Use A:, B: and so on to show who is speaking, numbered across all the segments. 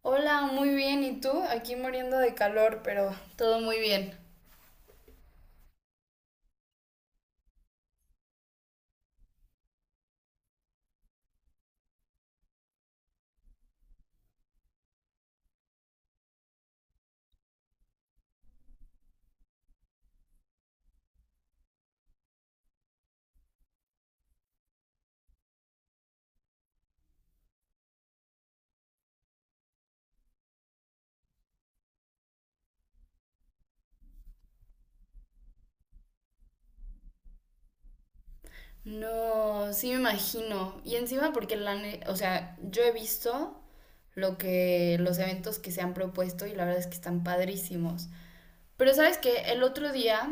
A: Hola, muy bien. ¿Y tú? Aquí muriendo de calor, pero todo muy bien. No, sí me imagino. Y encima porque o sea, yo he visto lo que los eventos que se han propuesto y la verdad es que están padrísimos. Pero sabes que el otro día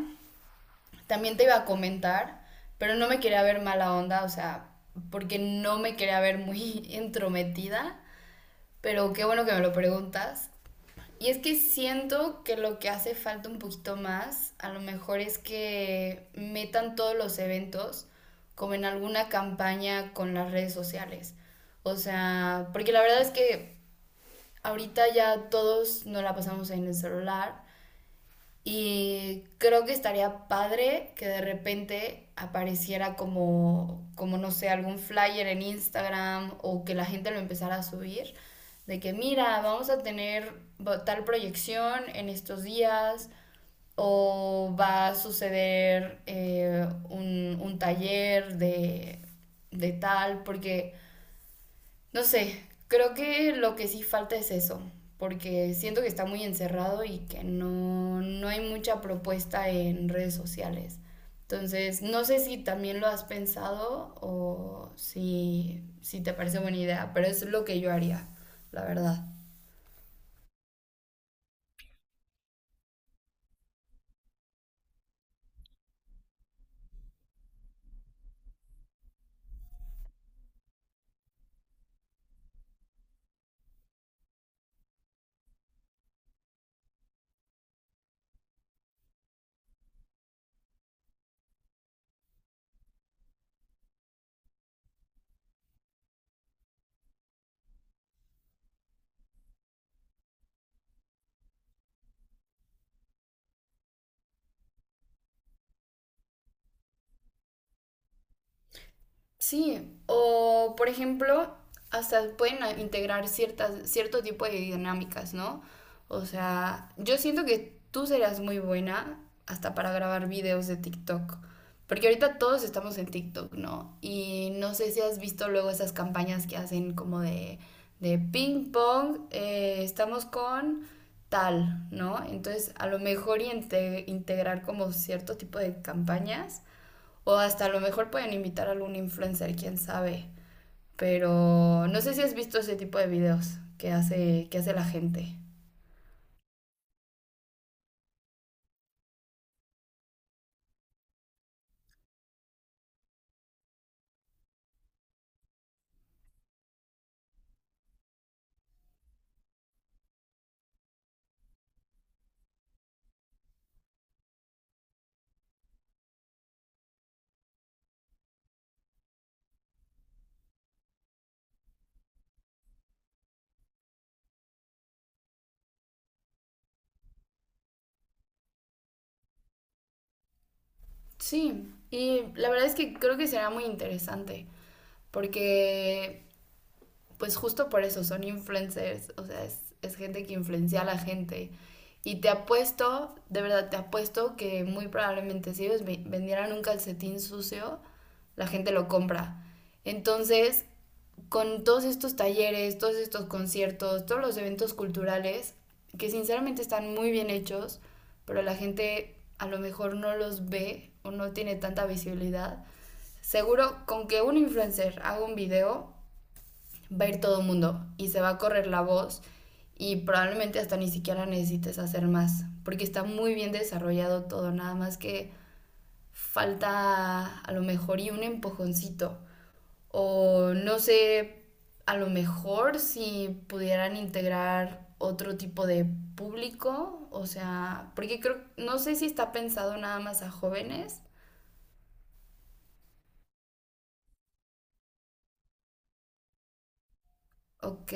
A: también te iba a comentar, pero no me quería ver mala onda, o sea, porque no me quería ver muy entrometida, pero qué bueno que me lo preguntas. Y es que siento que lo que hace falta un poquito más, a lo mejor es que metan todos los eventos como en alguna campaña con las redes sociales. O sea, porque la verdad es que ahorita ya todos nos la pasamos en el celular y creo que estaría padre que de repente apareciera como, como no sé, algún flyer en Instagram o que la gente lo empezara a subir, de que mira, vamos a tener tal proyección en estos días o va a suceder un, taller de tal, porque no sé, creo que lo que sí falta es eso, porque siento que está muy encerrado y que no, no hay mucha propuesta en redes sociales. Entonces, no sé si también lo has pensado o si, si te parece buena idea, pero es lo que yo haría, la verdad. Sí, o por ejemplo, hasta pueden integrar ciertas, cierto tipo de dinámicas, ¿no? O sea, yo siento que tú serás muy buena hasta para grabar videos de TikTok, porque ahorita todos estamos en TikTok, ¿no? Y no sé si has visto luego esas campañas que hacen como de ping pong, estamos con tal, ¿no? Entonces, a lo mejor y integrar como cierto tipo de campañas o hasta a lo mejor pueden invitar a algún influencer, quién sabe. Pero no sé si has visto ese tipo de videos que que hace la gente. Sí, y la verdad es que creo que será muy interesante. Porque, pues justo por eso, son influencers. O sea, es gente que influencia a la gente. Y te apuesto, de verdad te apuesto que muy probablemente si ellos vendieran un calcetín sucio, la gente lo compra. Entonces, con todos estos talleres, todos estos conciertos, todos los eventos culturales, que sinceramente están muy bien hechos, pero la gente a lo mejor no los ve o no tiene tanta visibilidad. Seguro con que un influencer haga un video, va a ir todo el mundo y se va a correr la voz y probablemente hasta ni siquiera necesites hacer más, porque está muy bien desarrollado todo, nada más que falta a lo mejor y un empujoncito o no sé, a lo mejor si pudieran integrar otro tipo de público, o sea, porque creo, no sé si está pensado nada más a jóvenes. Ok,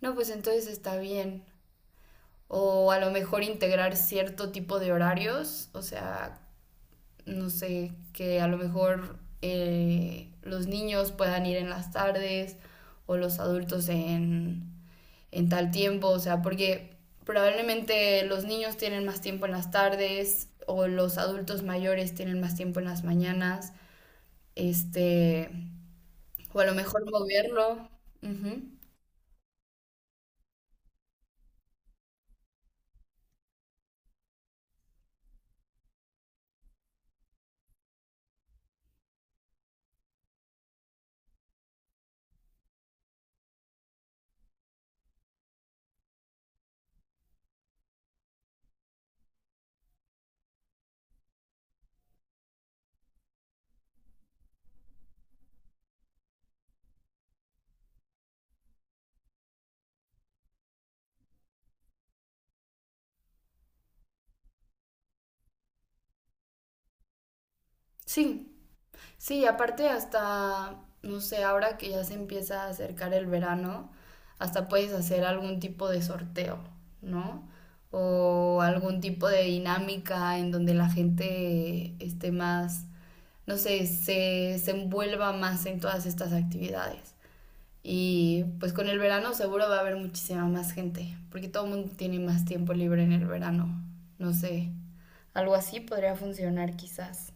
A: no, pues entonces está bien. O a lo mejor integrar cierto tipo de horarios, o sea, no sé, que a lo mejor los niños puedan ir en las tardes o los adultos en tal tiempo, o sea, porque probablemente los niños tienen más tiempo en las tardes o los adultos mayores tienen más tiempo en las mañanas, este, o a lo mejor moverlo. Ujú. Sí, Sí, aparte hasta, no sé, ahora que ya se empieza a acercar el verano, hasta puedes hacer algún tipo de sorteo, ¿no? O algún tipo de dinámica en donde la gente esté más, no sé, se envuelva más en todas estas actividades. Y pues con el verano seguro va a haber muchísima más gente, porque todo el mundo tiene más tiempo libre en el verano. No sé, algo así podría funcionar quizás.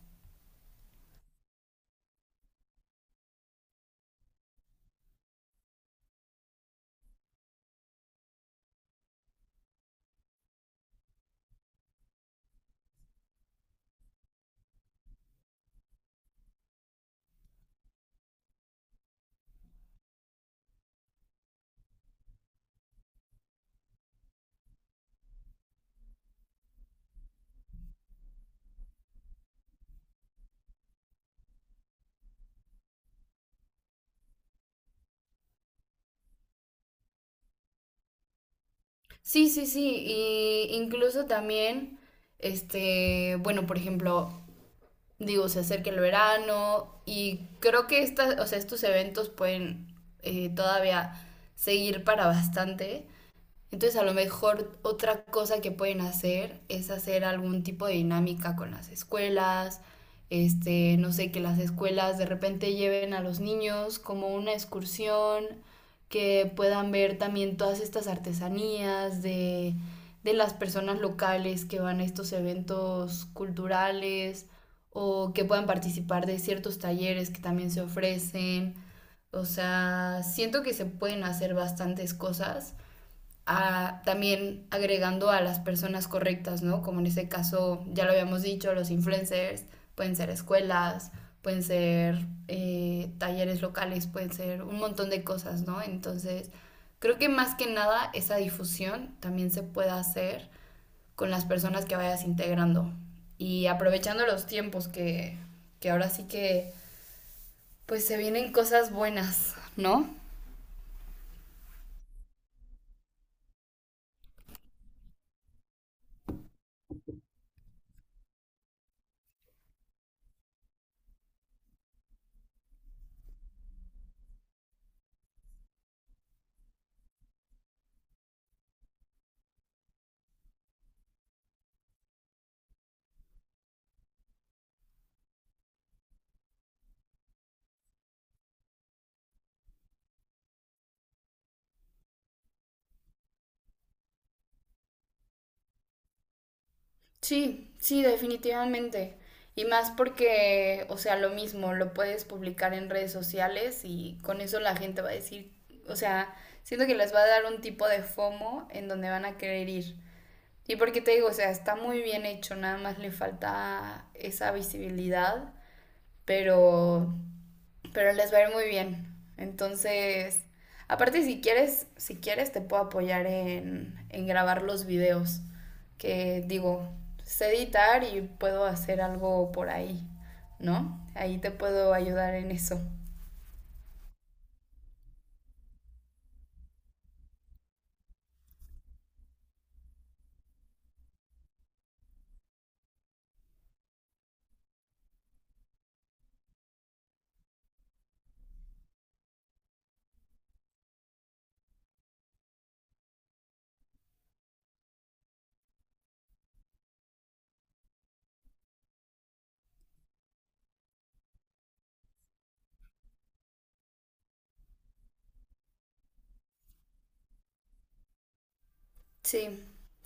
A: Sí, sí, sí, y incluso también, este, bueno, por ejemplo, digo, se acerca el verano y creo que estas, o sea, estos eventos pueden todavía seguir para bastante. Entonces a lo mejor otra cosa que pueden hacer es hacer algún tipo de dinámica con las escuelas, este, no sé, que las escuelas de repente lleven a los niños como una excursión, que puedan ver también todas estas artesanías de las personas locales que van a estos eventos culturales o que puedan participar de ciertos talleres que también se ofrecen. O sea, siento que se pueden hacer bastantes cosas a, también agregando a las personas correctas, ¿no? Como en ese caso, ya lo habíamos dicho, los influencers pueden ser escuelas, pueden ser talleres locales, pueden ser un montón de cosas, ¿no? Entonces, creo que más que nada esa difusión también se puede hacer con las personas que vayas integrando y aprovechando los tiempos que ahora sí que pues se vienen cosas buenas, ¿no? Sí, sí, definitivamente. Y más porque, o sea, lo mismo, lo puedes publicar en redes sociales y con eso la gente va a decir, o sea, siento que les va a dar un tipo de FOMO en donde van a querer ir. Y porque te digo, o sea, está muy bien hecho, nada más le falta esa visibilidad, pero pero les va a ir muy bien. Entonces, aparte si quieres, si quieres te puedo apoyar en grabar los videos, que digo, sé editar y puedo hacer algo por ahí, ¿no? Ahí te puedo ayudar en eso. Sí,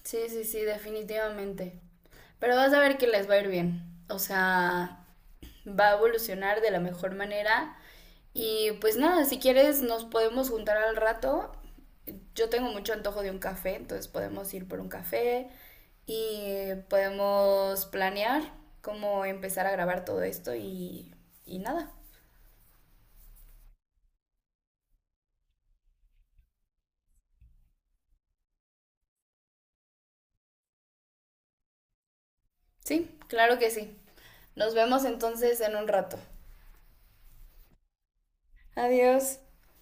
A: sí, sí, sí, definitivamente. Pero vas a ver que les va a ir bien. O sea, va a evolucionar de la mejor manera. Y pues nada, si quieres nos podemos juntar al rato. Yo tengo mucho antojo de un café, entonces podemos ir por un café y podemos planear cómo empezar a grabar todo esto y nada. Sí, claro que sí. Nos vemos entonces en un rato. Adiós.